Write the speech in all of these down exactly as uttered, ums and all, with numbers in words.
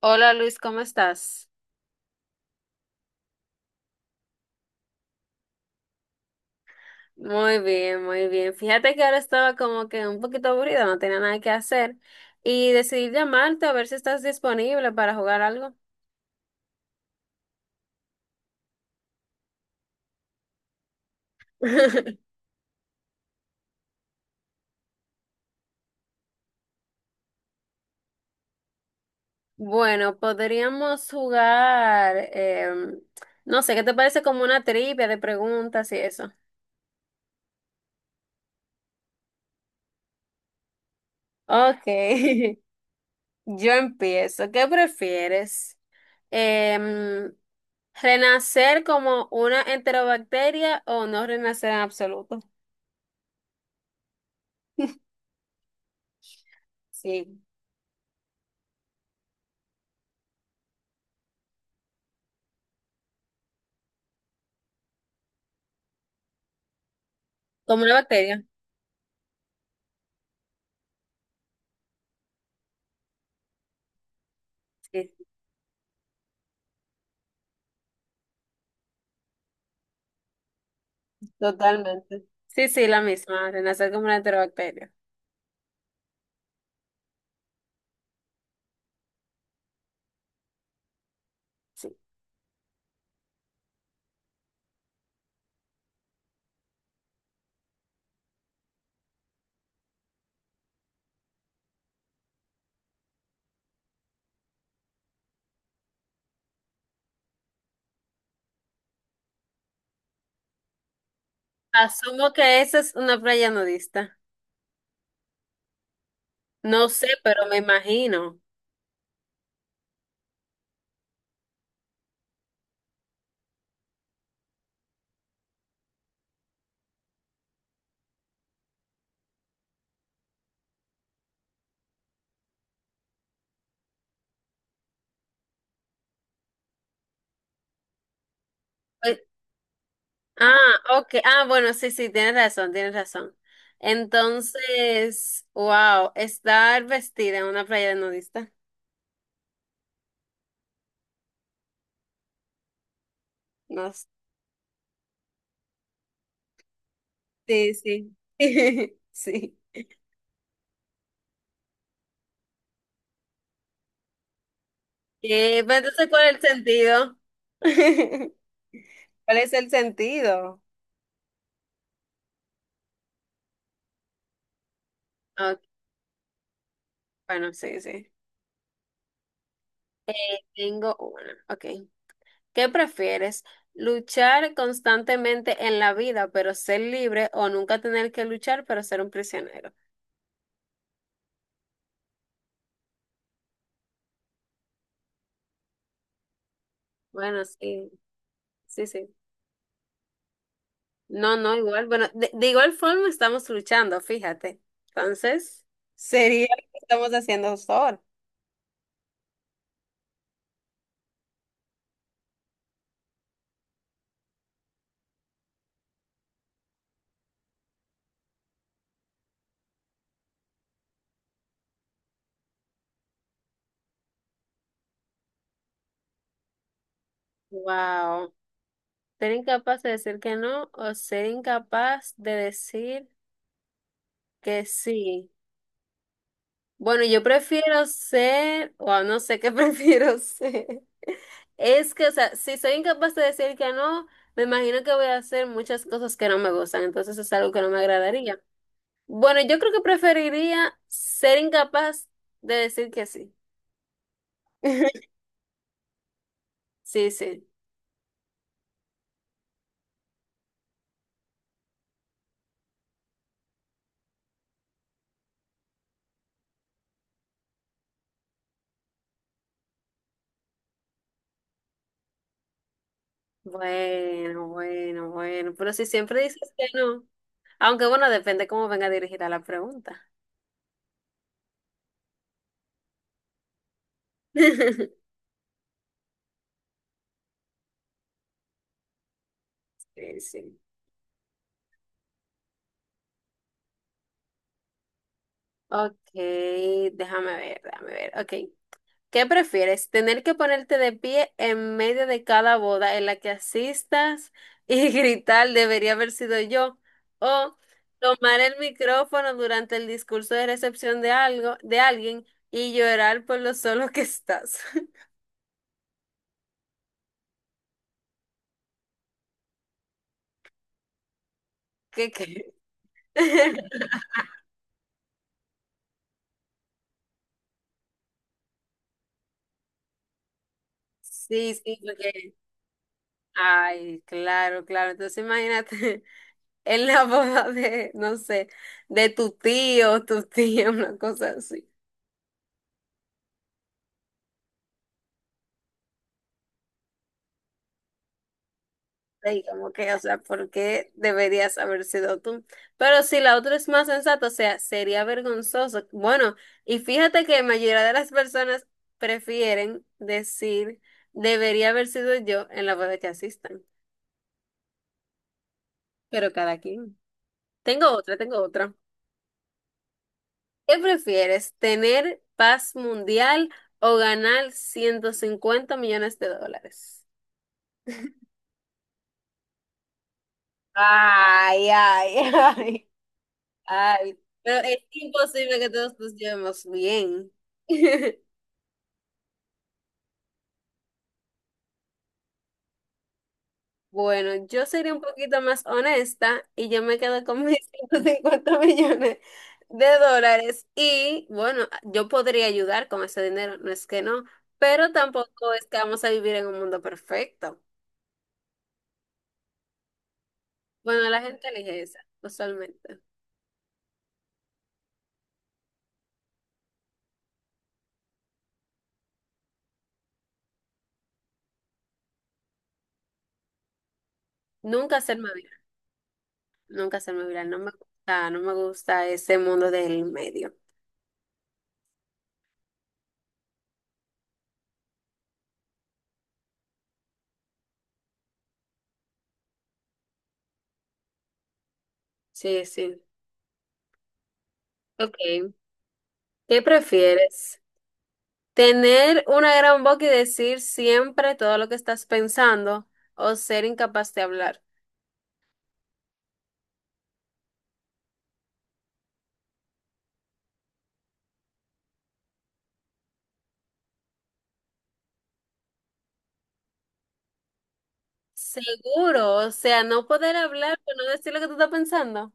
Hola Luis, ¿cómo estás? Muy bien, muy bien. Fíjate que ahora estaba como que un poquito aburrida, no tenía nada que hacer y decidí llamarte a ver si estás disponible para jugar algo. Bueno, podríamos jugar, em, no sé, ¿qué te parece como una trivia de preguntas y eso? Ok, yo empiezo. ¿Qué prefieres? Em, ¿Renacer como una enterobacteria o no renacer en absoluto? Sí. Como una bacteria. Sí, totalmente. Sí, sí, la misma. Renacer como una enterobacteria. Sí. Asumo que esa es una playa nudista. No sé, pero me imagino. Pues, ah, ok. Ah, bueno, sí, sí, tienes razón, tienes razón. Entonces, wow, estar vestida en una playa de nudista. No, s- sí, sí. Sí. Eh, pero entonces, ¿cuál es el sentido? ¿Cuál es el sentido? Ok, bueno, sí, sí. Tengo una. Ok. ¿Qué prefieres? ¿Luchar constantemente en la vida, pero ser libre, o nunca tener que luchar, pero ser un prisionero? Bueno, sí, sí, sí. No, no, igual. Bueno, de, de igual forma estamos luchando, fíjate. Entonces, sería lo que estamos haciendo justo ahora. Wow. Ser incapaz de decir que no o ser incapaz de decir que sí. Bueno, yo prefiero ser, o no sé qué prefiero ser. Es que, o sea, si soy incapaz de decir que no, me imagino que voy a hacer muchas cosas que no me gustan, entonces es algo que no me agradaría. Bueno, yo creo que preferiría ser incapaz de decir que sí. Sí, sí. Bueno, bueno, bueno. Pero si siempre dices que no. Aunque bueno, depende cómo venga dirigida la pregunta. Sí, sí. Ok, déjame ver, déjame ver. Ok. ¿Qué prefieres? ¿Tener que ponerte de pie en medio de cada boda en la que asistas y gritar debería haber sido yo? ¿O tomar el micrófono durante el discurso de recepción de algo, de alguien y llorar por lo solo que estás? ¿Qué crees? Sí, sí, porque... Ay, claro, claro. Entonces imagínate en la boda de, no sé, de tu tío, tu tía, una cosa así. Y como que, o sea, ¿por qué deberías haber sido tú? Pero si la otra es más sensata, o sea, sería vergonzoso. Bueno, y fíjate que la mayoría de las personas prefieren decir, debería haber sido yo en la boda que asistan. Pero cada quien. Tengo otra, tengo otra. ¿Qué prefieres, tener paz mundial o ganar ciento cincuenta millones de dólares? Ay, ay, ay. Ay, pero es imposible que todos nos llevemos bien. Bueno, yo sería un poquito más honesta y yo me quedo con mis ciento cincuenta millones de dólares y bueno, yo podría ayudar con ese dinero, no es que no, pero tampoco es que vamos a vivir en un mundo perfecto. Bueno, la gente elige esa, usualmente. Nunca hacerme viral, nunca hacerme viral, no me gusta, no me gusta ese mundo del medio. Sí, sí. Ok, ¿qué prefieres? Tener una gran boca y decir siempre todo lo que estás pensando o ser incapaz de hablar. Seguro, o sea, no poder hablar, pero no decir lo que tú estás pensando.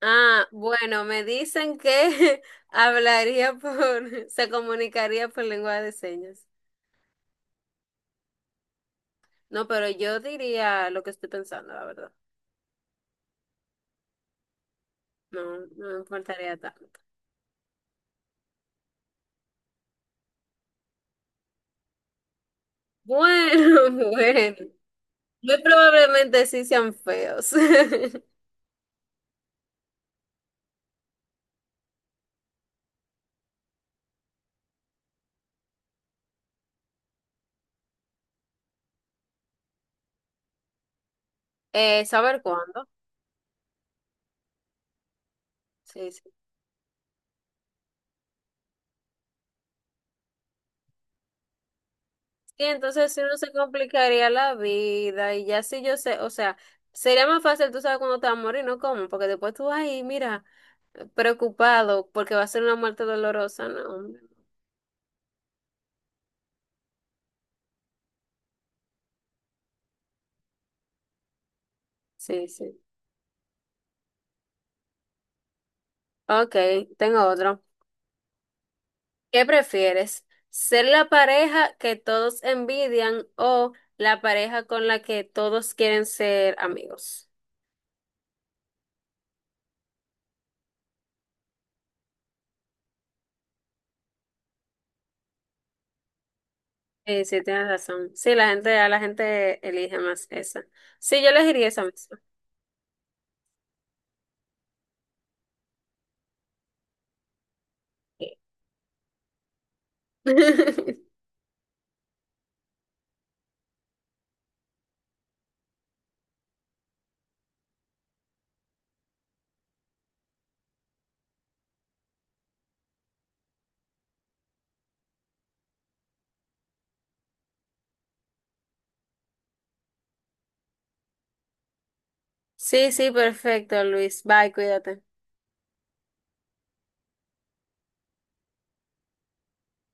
Ah, bueno, me dicen que hablaría por, se comunicaría por lengua de señas. No, pero yo diría lo que estoy pensando, la verdad. No, no me importaría tanto. Bueno, bueno. Muy probablemente sí sean feos. Eh, ¿saber cuándo? Sí, y entonces si uno se complicaría la vida y ya si yo sé, o sea, sería más fácil, tú sabes, cuando te vas a morir, ¿no? ¿Cómo? Porque después tú, ay, mira, preocupado porque va a ser una muerte dolorosa, ¿no? Hombre. Sí, sí. Ok, tengo otro. ¿Qué prefieres? ¿Ser la pareja que todos envidian o la pareja con la que todos quieren ser amigos? Sí, sí, tienes razón. Sí, la gente, a la gente elige más esa. Sí, yo elegiría esa misma. Sí. Sí, sí, perfecto, Luis. Bye, cuídate.